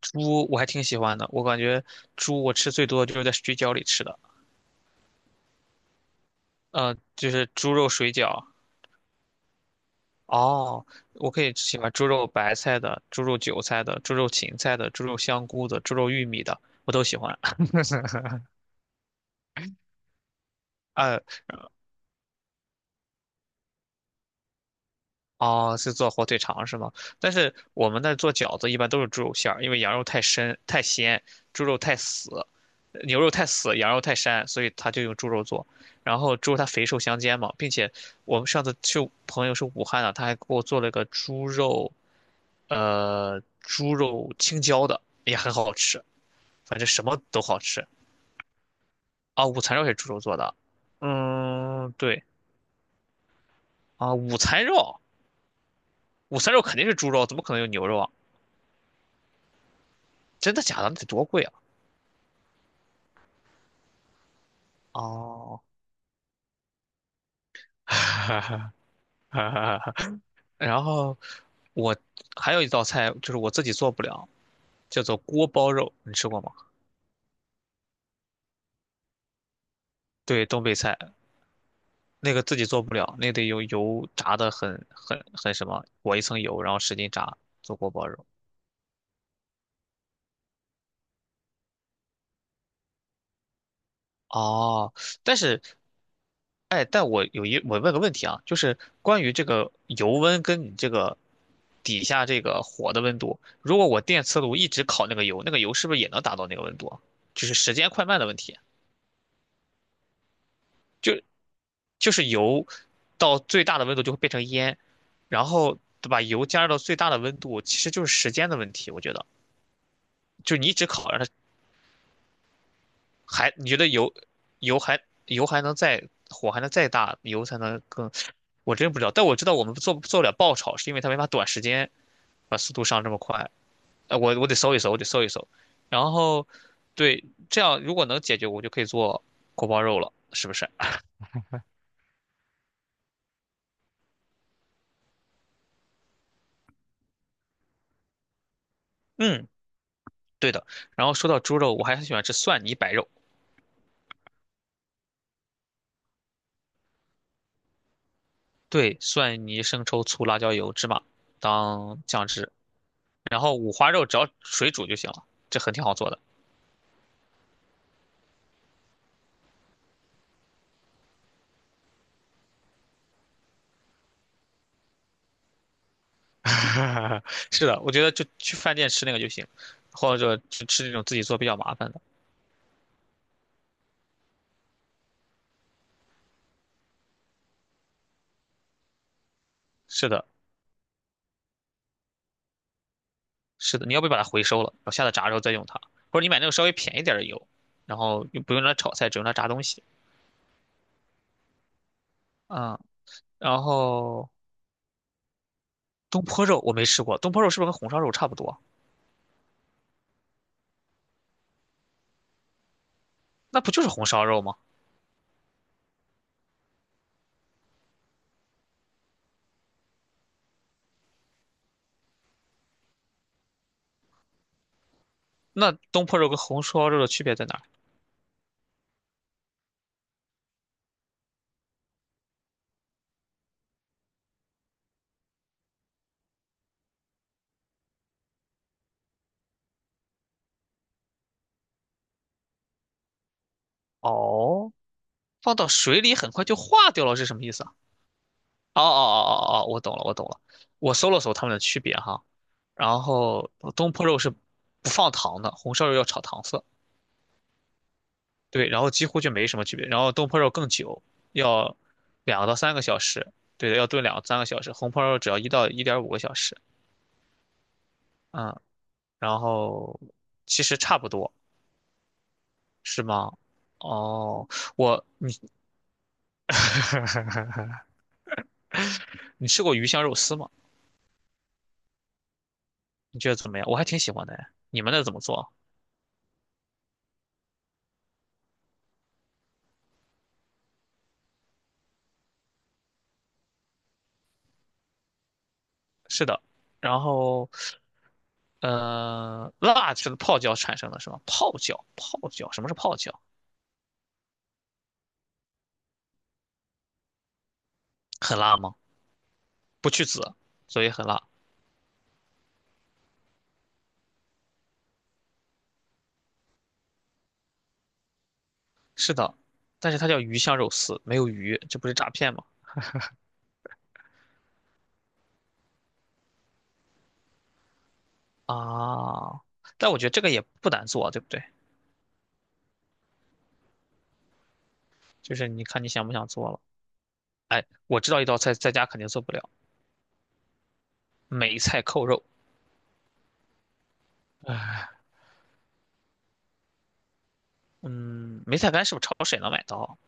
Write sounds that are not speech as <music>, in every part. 猪我还挺喜欢的，我感觉猪我吃最多就是在水饺里吃的，就是猪肉水饺。哦，我可以喜欢猪肉白菜的、猪肉韭菜的、猪肉芹菜的、猪肉香菇的、猪肉玉米的，我都喜欢。<laughs> 呃，哦，是做火腿肠是吗？但是我们那做饺子一般都是猪肉馅儿，因为羊肉太深太鲜，猪肉太死，牛肉太死，羊肉太膻，所以他就用猪肉做。然后猪肉它肥瘦相间嘛，并且我们上次去朋友是武汉的，他还给我做了个猪肉，猪肉青椒的，也很好吃，反正什么都好吃啊。午餐肉也是猪肉做的，嗯，对啊，午餐肉肯定是猪肉，怎么可能有牛肉啊？真的假的？那得多贵啊！哦。<laughs> 然后我还有一道菜就是我自己做不了，叫做锅包肉，你吃过吗？对，东北菜那个自己做不了，那得用油炸的很什么，裹一层油，然后使劲炸做锅包肉。哦，但是哎，但我有一我问个问题啊，就是关于这个油温跟你这个底下这个火的温度，如果我电磁炉一直烤那个油，那个油是不是也能达到那个温度啊，就是时间快慢的问题。就就是油到最大的温度就会变成烟，然后把油加热到最大的温度，其实就是时间的问题，我觉得，就是你一直烤，让它还你觉得油还油还能再，火还能再大，油才能更？我真不知道，但我知道我们做做不了爆炒，是因为它没法短时间把速度上这么快。我得搜一搜，我得搜一搜。然后，对，这样如果能解决，我就可以做锅包肉了，是不是？嗯，对的。然后说到猪肉，我还很喜欢吃蒜泥白肉，对，蒜泥、生抽、醋、辣椒油、芝麻当酱汁。然后五花肉只要水煮就行了，这很挺好做的。<laughs> 是的，我觉得就去饭店吃那个就行，或者吃吃那种自己做比较麻烦的。是的，是的，你要不把它回收了，然后下次炸之后再用它，或者你买那种稍微便宜点儿的油，然后又不用它炒菜，只用来炸东西。嗯。然后东坡肉我没吃过，东坡肉是不是跟红烧肉差不多？那不就是红烧肉吗？那东坡肉跟红烧肉的区别在哪儿？哦，放到水里很快就化掉了，是什么意思啊？哦哦哦哦哦，我懂了，我懂了。我搜了搜它们的区别哈，然后东坡肉是不放糖的，红烧肉要炒糖色，对，然后几乎就没什么区别。然后东坡肉更久，要2到3个小时，对的，要炖2、3个小时。红烧肉只要1到1.5个小时。嗯，然后其实差不多，是吗？哦，你。 <laughs> 你吃过鱼香肉丝吗？你觉得怎么样？我还挺喜欢的哎，你们那怎么做啊？是的。然后辣是泡椒产生的是吗？泡椒，泡椒，什么是泡椒？很辣吗？不去籽，所以很辣。是的。但是它叫鱼香肉丝，没有鱼，这不是诈骗吗？啊，但我觉得这个也不难做啊，对不对？就是你看你想不想做了。哎，我知道一道菜在家肯定做不了，梅菜扣肉。嗯，梅菜干是不是超市也能买到？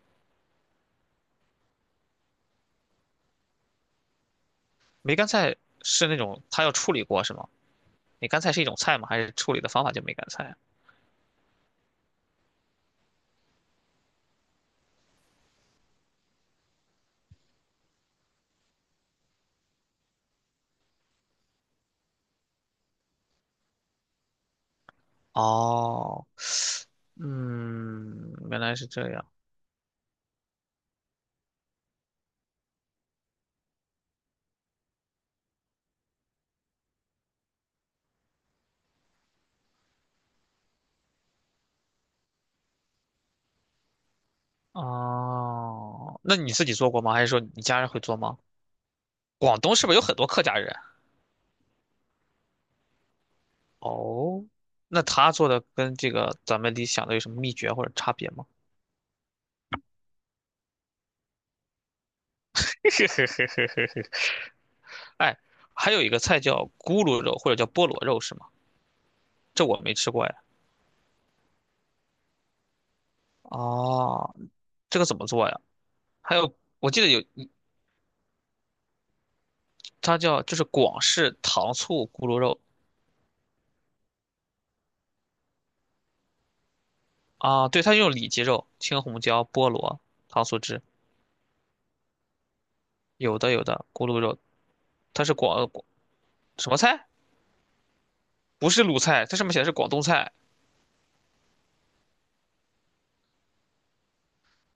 梅干菜是那种它要处理过是吗？梅干菜是一种菜吗？还是处理的方法叫梅干菜啊？哦，嗯，原来是这样。哦，那你自己做过吗？还是说你家人会做吗？广东是不是有很多客家人？哦，那他做的跟这个咱们理想的有什么秘诀或者差别吗？<laughs> 嘿嘿嘿嘿嘿嘿。哎，还有一个菜叫咕噜肉或者叫菠萝肉是吗？这我没吃过呀。哦，这个怎么做呀？还有，我记得有它叫就是广式糖醋咕噜肉。啊，对，它用里脊肉、青红椒、菠萝、糖醋汁。有的有的，咕噜肉，它是广什么菜？不是鲁菜，它上面写的是广东菜。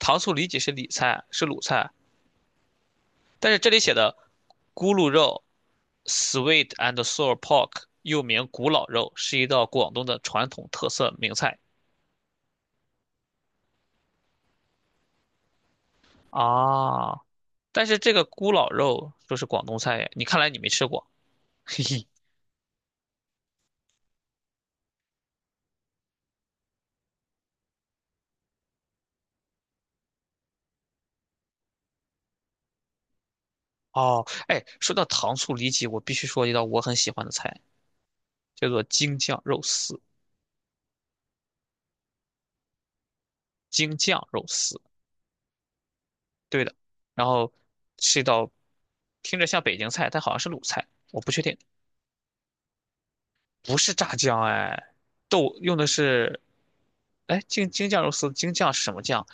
糖醋里脊是里菜，是鲁菜，但是这里写的咕噜肉（ （sweet and sour pork） 又名古老肉，是一道广东的传统特色名菜。啊，但是这个咕老肉说是广东菜耶，你看来你没吃过。<laughs> 嘿嘿。哦，哎，说到糖醋里脊，我必须说一道我很喜欢的菜，叫做京酱肉丝。京酱肉丝，对的。然后是一道听着像北京菜，但好像是鲁菜，我不确定。不是炸酱哎，豆用的是哎京京酱肉丝，京酱是什么酱？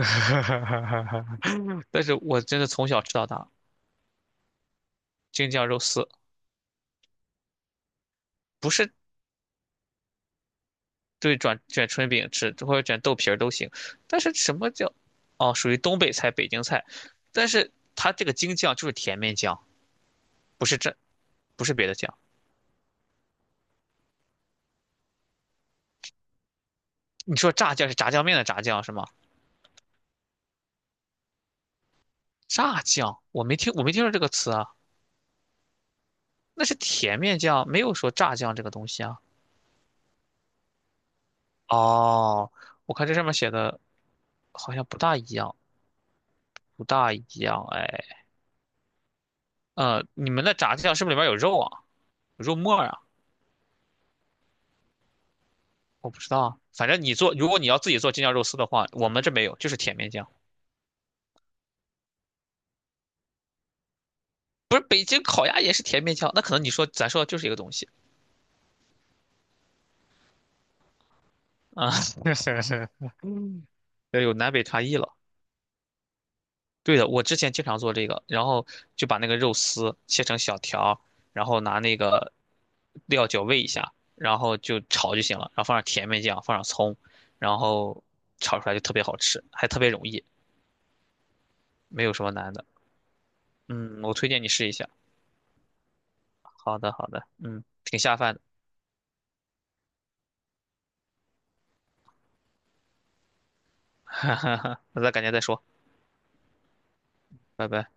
<laughs> 但是我真的从小吃到大。京酱肉丝不是，对，转卷春饼吃，或者卷豆皮儿都行。但是什么叫哦，属于东北菜、北京菜。但是它这个京酱就是甜面酱，不是这不是别的酱。你说炸酱是炸酱面的炸酱是吗？炸酱，我没听说这个词啊。那是甜面酱，没有说炸酱这个东西啊。哦，我看这上面写的好像不大一样，不大一样。哎，你们的炸酱是不是里面有肉啊？有肉末儿啊？我不知道啊。反正你做，如果你要自己做京酱肉丝的话，我们这没有，就是甜面酱。不是，北京烤鸭也是甜面酱，那可能咱说的就是一个东西啊。<laughs> 这有南北差异了。对的，我之前经常做这个，然后就把那个肉丝切成小条儿，然后拿那个料酒煨一下，然后就炒就行了，然后放上甜面酱，放上葱，然后炒出来就特别好吃，还特别容易，没有什么难的。嗯，我推荐你试一下。好的，好的，嗯，挺下饭的，那咱改天再说。拜拜。